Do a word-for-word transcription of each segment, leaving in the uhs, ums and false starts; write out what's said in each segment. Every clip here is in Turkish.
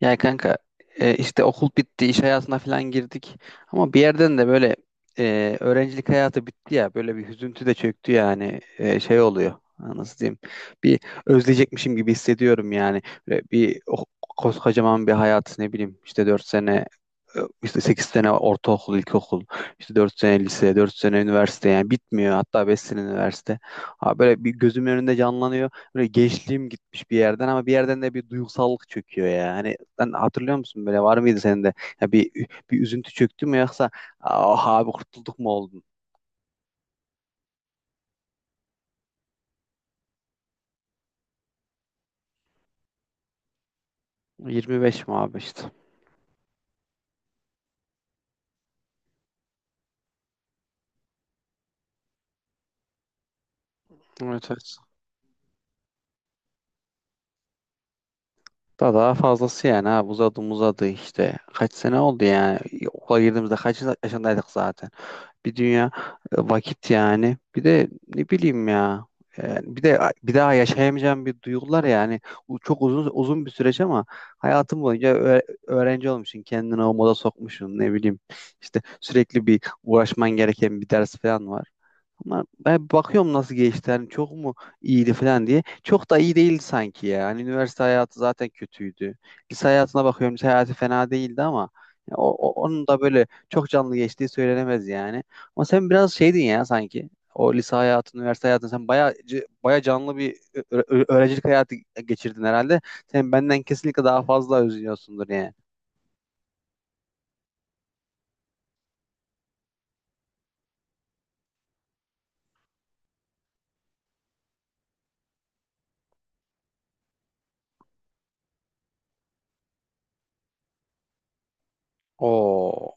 Ya kanka, e, işte okul bitti, iş hayatına falan girdik. Ama bir yerden de böyle e, öğrencilik hayatı bitti ya. Böyle bir hüzüntü de çöktü yani. E, şey oluyor. ha, Nasıl diyeyim? Bir özleyecekmişim gibi hissediyorum yani. Böyle bir o- koskocaman bir hayat, ne bileyim, işte dört sene, e, işte sekiz sene ortaokul, ilkokul, işte dört sene lise, dört sene üniversite, yani bitmiyor. Hatta beş sene üniversite. Ha, böyle bir gözümün önünde canlanıyor. Böyle gençliğim gitmiş bir yerden, ama bir yerden de bir duygusallık çöküyor yani. Sen hatırlıyor musun, böyle var mıydı senin de? Ya bir bir üzüntü çöktü mü, yoksa ah abi kurtulduk mu oldun? yirmi beş mi abi işte? Evet, evet. Daha daha fazlası yani, ha uzadı uzadı işte. Kaç sene oldu yani? Okula girdiğimizde kaç yaşındaydık zaten? Bir dünya e, vakit yani. Bir de ne bileyim ya. Yani bir de bir daha yaşayamayacağım bir duygular yani. Bu çok uzun uzun bir süreç ama, hayatım boyunca öğ- öğrenci olmuşsun, kendini o moda sokmuşsun, ne bileyim. İşte sürekli bir uğraşman gereken bir ders falan var. Ama ben bakıyorum nasıl geçti. Hani çok mu iyiydi falan diye. Çok da iyi değildi sanki ya. Hani üniversite hayatı zaten kötüydü. Lise hayatına bakıyorum. Lise hayatı fena değildi, ama ya o, o- onun da böyle çok canlı geçtiği söylenemez yani. Ama sen biraz şeydin ya sanki. O lise hayatı, üniversite hayatı, sen baya baya canlı bir ö- ö- öğrencilik hayatı geçirdin herhalde. Sen benden kesinlikle daha fazla özlüyorsundur yani. Oo.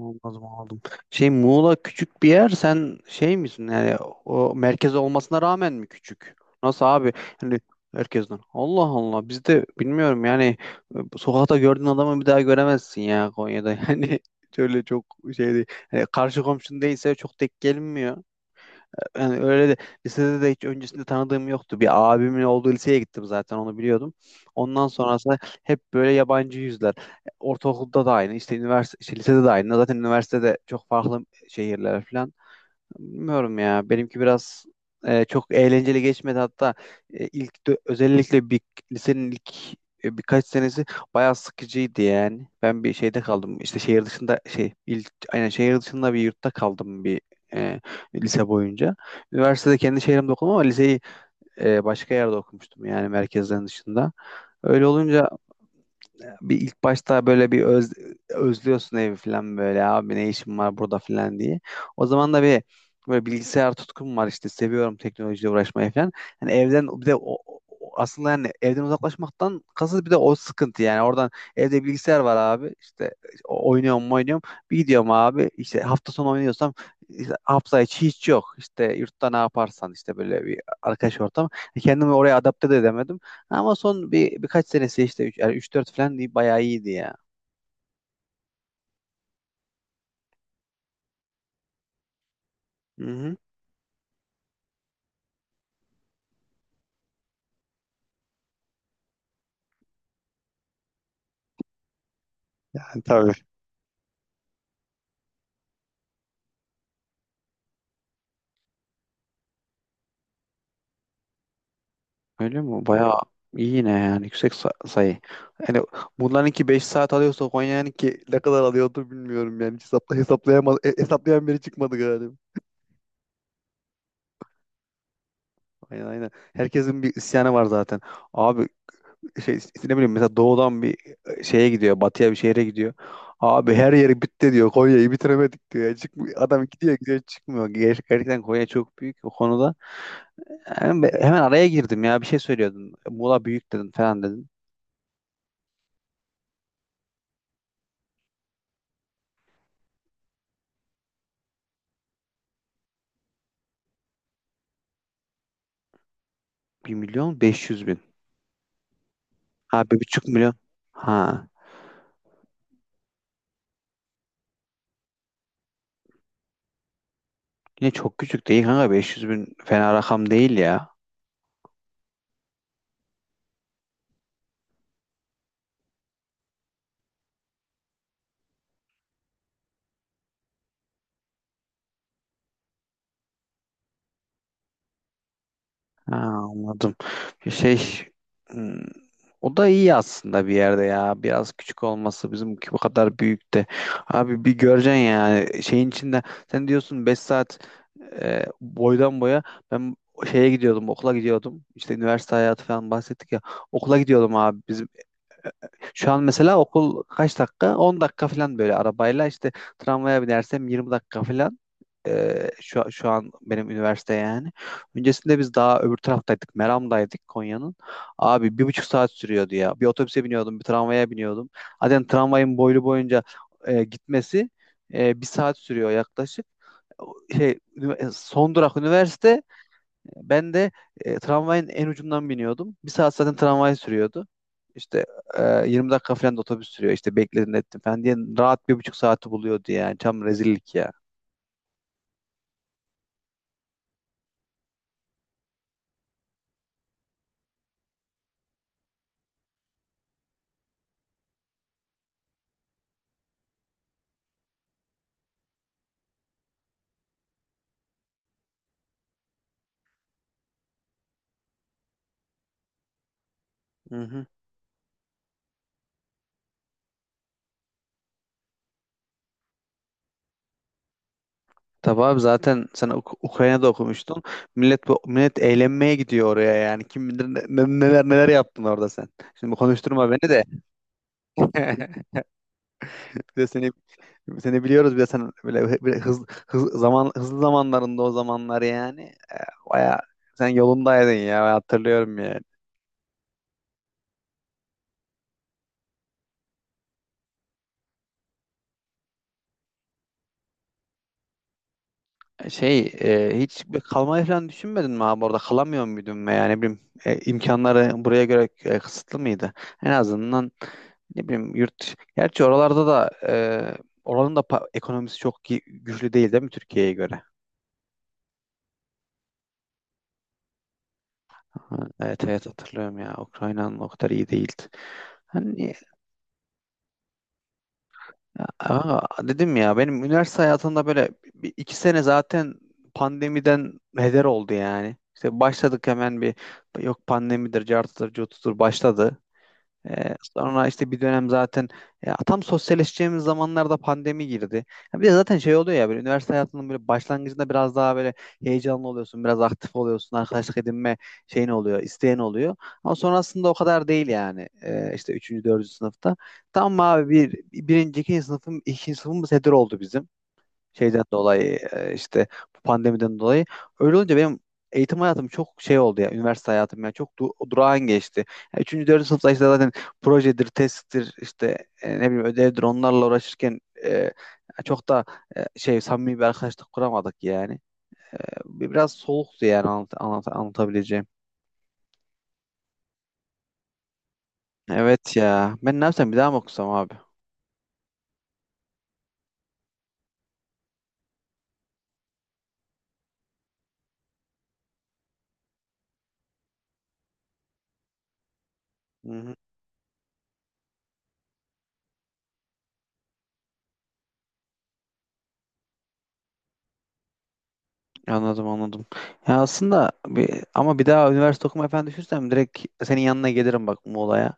Anladım, anladım. Şey, Muğla küçük bir yer, sen şey misin yani, o merkez olmasına rağmen mi küçük? Nasıl abi? Hani herkesten. Allah Allah, bizde bilmiyorum yani, e, sokakta gördüğün adamı bir daha göremezsin ya Konya'da. Yani şöyle çok şey değil. Hani karşı komşun değilse çok denk gelinmiyor yani. Öyle de lisede de hiç öncesinde tanıdığım yoktu. Bir abimin olduğu liseye gittim, zaten onu biliyordum. Ondan sonrası hep böyle yabancı yüzler. Ortaokulda da aynı, işte üniversite, işte lisede de aynı. Zaten üniversitede çok farklı şehirler falan. Bilmiyorum ya. Benimki biraz e, çok eğlenceli geçmedi. Hatta e, ilk dö- özellikle bir lisenin ilk e, birkaç senesi bayağı sıkıcıydı yani. Ben bir şeyde kaldım. İşte şehir dışında, şey ilk aynen şehir dışında bir yurtta kaldım, bir e, lise boyunca. Üniversitede kendi şehrimde okudum ama liseyi e, başka yerde okumuştum yani, merkezden dışında. Öyle olunca bir ilk başta böyle bir öz, özlüyorsun evi falan, böyle abi ne işim var burada falan diye. O zaman da bir böyle bilgisayar tutkum var, işte seviyorum teknolojiyle uğraşmayı falan. Hani evden bir de o, o- aslında yani evden uzaklaşmaktan kasıt bir de o sıkıntı yani, oradan evde bilgisayar var abi, işte işte o- oynuyorum mu oynuyorum, bir gidiyorum abi işte hafta sonu oynuyorsam, işte hafta içi hiç yok, işte yurtta ne yaparsan işte, böyle bir arkadaş ortam. E, kendimi oraya adapte de edemedim, ama son bir birkaç senesi, işte üç yani üç dört falan değil, bayağı iyiydi ya. Hı hı. Yani tabii. Öyle mi? Bayağı iyi yine yani, yüksek sa- sayı. Yani bunlarınki beş saat alıyorsa Konya'nınki ne kadar alıyordu bilmiyorum yani. Hiç hesapla hesaplayamaz e- hesaplayan biri çıkmadı galiba. Aynen, aynen. Herkesin bir isyanı var zaten. Abi şey, ne bileyim mesela, doğudan bir e, şeye gidiyor, batıya bir şehre gidiyor. Abi her yeri bitti diyor. Konya'yı bitiremedik diyor. Yani çıkmıyor. Adam gidiyor gidiyor çıkmıyor. Ger- Gerçekten Konya çok büyük o konuda. Hemen hemen araya girdim ya. Bir şey söylüyordun. Muğla büyük dedin falan dedin. Bir milyon beş yüz bin. Ha, bir buçuk milyon. Ha. Yine çok küçük değil kanka. Beş yüz bin fena rakam değil ya. Ha, anladım. Bir şey, hmm, o da iyi aslında bir yerde ya. Biraz küçük olması, bizimki bu kadar büyük de. Abi bir göreceksin yani şeyin içinde, sen diyorsun beş saat e, boydan boya. Ben şeye gidiyordum, okula gidiyordum. İşte üniversite hayatı falan bahsettik ya. Okula gidiyordum abi. Şu an mesela okul kaç dakika? On dakika falan böyle arabayla, işte tramvaya binersem yirmi dakika falan. Ee, şu, şu an benim üniversite yani. Öncesinde biz daha öbür taraftaydık. Meram'daydık Konya'nın. Abi bir buçuk saat sürüyordu ya. Bir otobüse biniyordum, bir tramvaya biniyordum. Zaten tramvayın boylu boyunca e, gitmesi e, bir saat sürüyor yaklaşık. O- Şey, ünivers- son durak üniversite, ben de e, tramvayın en ucundan biniyordum. Bir saat zaten tramvay sürüyordu. İşte e, yirmi dakika falan da otobüs sürüyor. İşte bekledin, ettim falan diye rahat bir buçuk saati buluyordu yani. Tam rezillik ya. Hı hı. Tabii abi, zaten sen Uk- Ukrayna'da okumuştun. Millet bu- millet eğlenmeye gidiyor oraya yani. Kim bilir ne- ne- neler neler yaptın orada sen. Şimdi konuşturma beni de. Bir de seni seni biliyoruz, bir de sen böyle, böyle hız, hız- zaman hızlı zamanlarında o zamanlar yani. Baya sen yolundaydın ya, ben hatırlıyorum yani. Şey, e, hiç bir kalmayı falan düşünmedin mi abi, orada kalamıyor muydun, veya ne bileyim e, imkanları buraya göre e, kısıtlı mıydı? En azından ne bileyim yurt, gerçi oralarda da e, oranın da pa- ekonomisi çok gü- güçlü değil, değil mi Türkiye'ye göre? Ha, evet evet, hatırlıyorum ya, Ukrayna'nın o kadar iyi değildi. Hani aa, dedim ya, benim üniversite hayatımda böyle bir- iki sene zaten pandemiden heder oldu yani. İşte başladık, hemen bir yok pandemidir, cartıdır, curtudur başladı. Ee, sonra işte bir dönem zaten, ya tam sosyalleşeceğimiz zamanlarda pandemi girdi. Ya bir de zaten şey oluyor ya, böyle üniversite hayatının böyle başlangıcında biraz daha böyle heyecanlı oluyorsun, biraz aktif oluyorsun, arkadaşlık edinme şeyin oluyor, isteyen oluyor. Ama sonrasında o kadar değil yani, ee, işte üçüncü, dördüncü sınıfta. Tam abi bir, birinci, ikinci sınıfım, ikinci sınıfımız heder oldu bizim şeyden dolayı, e, işte bu pandemiden dolayı. Öyle olunca benim eğitim hayatım çok şey oldu ya, üniversite hayatım ya çok du- durağan geçti. Yani üçüncü, dördüncü sınıfta işte zaten projedir, testtir, işte e, ne bileyim ödevdir, onlarla uğraşırken e, çok da e, şey samimi bir arkadaşlık kuramadık yani. E, bi- Biraz soğuktu yani, anlat, anlat- anlatabileceğim. Evet ya, ben ne yapsam, bir daha mı okusam abi? Hı hı. Anladım, anladım. Ya aslında bir, ama bir daha üniversite okumayı falan düşünsem, direkt senin yanına gelirim bak, Muğla'ya.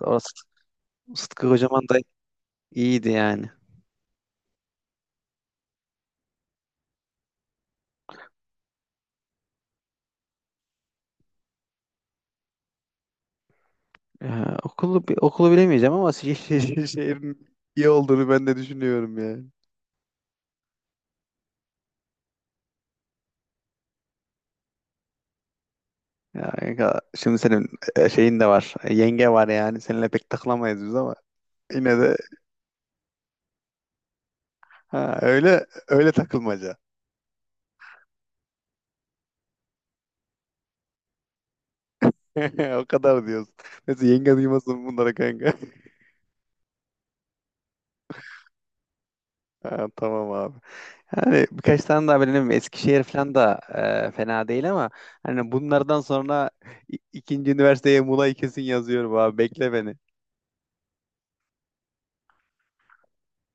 Orası Sıtkı Kocaman da iyiydi yani. Ya, okulu bi- okulu bilemeyeceğim ama şi- şi- şi- şehrin iyi olduğunu ben de düşünüyorum yani. Ya kanka, şimdi senin e, şeyin de var. e, Yenge var yani. Seninle pek takılamayız biz, ama yine de, ha, öyle öyle takılmaca. O kadar diyoruz. Neyse, yenge duymasın bunlara kanka. Ha, tamam abi. Hani birkaç tane daha benim Eskişehir falan da e, fena değil, ama hani bunlardan sonra i- ikinci üniversiteye Muğla'yı kesin yazıyorum, abi bekle beni.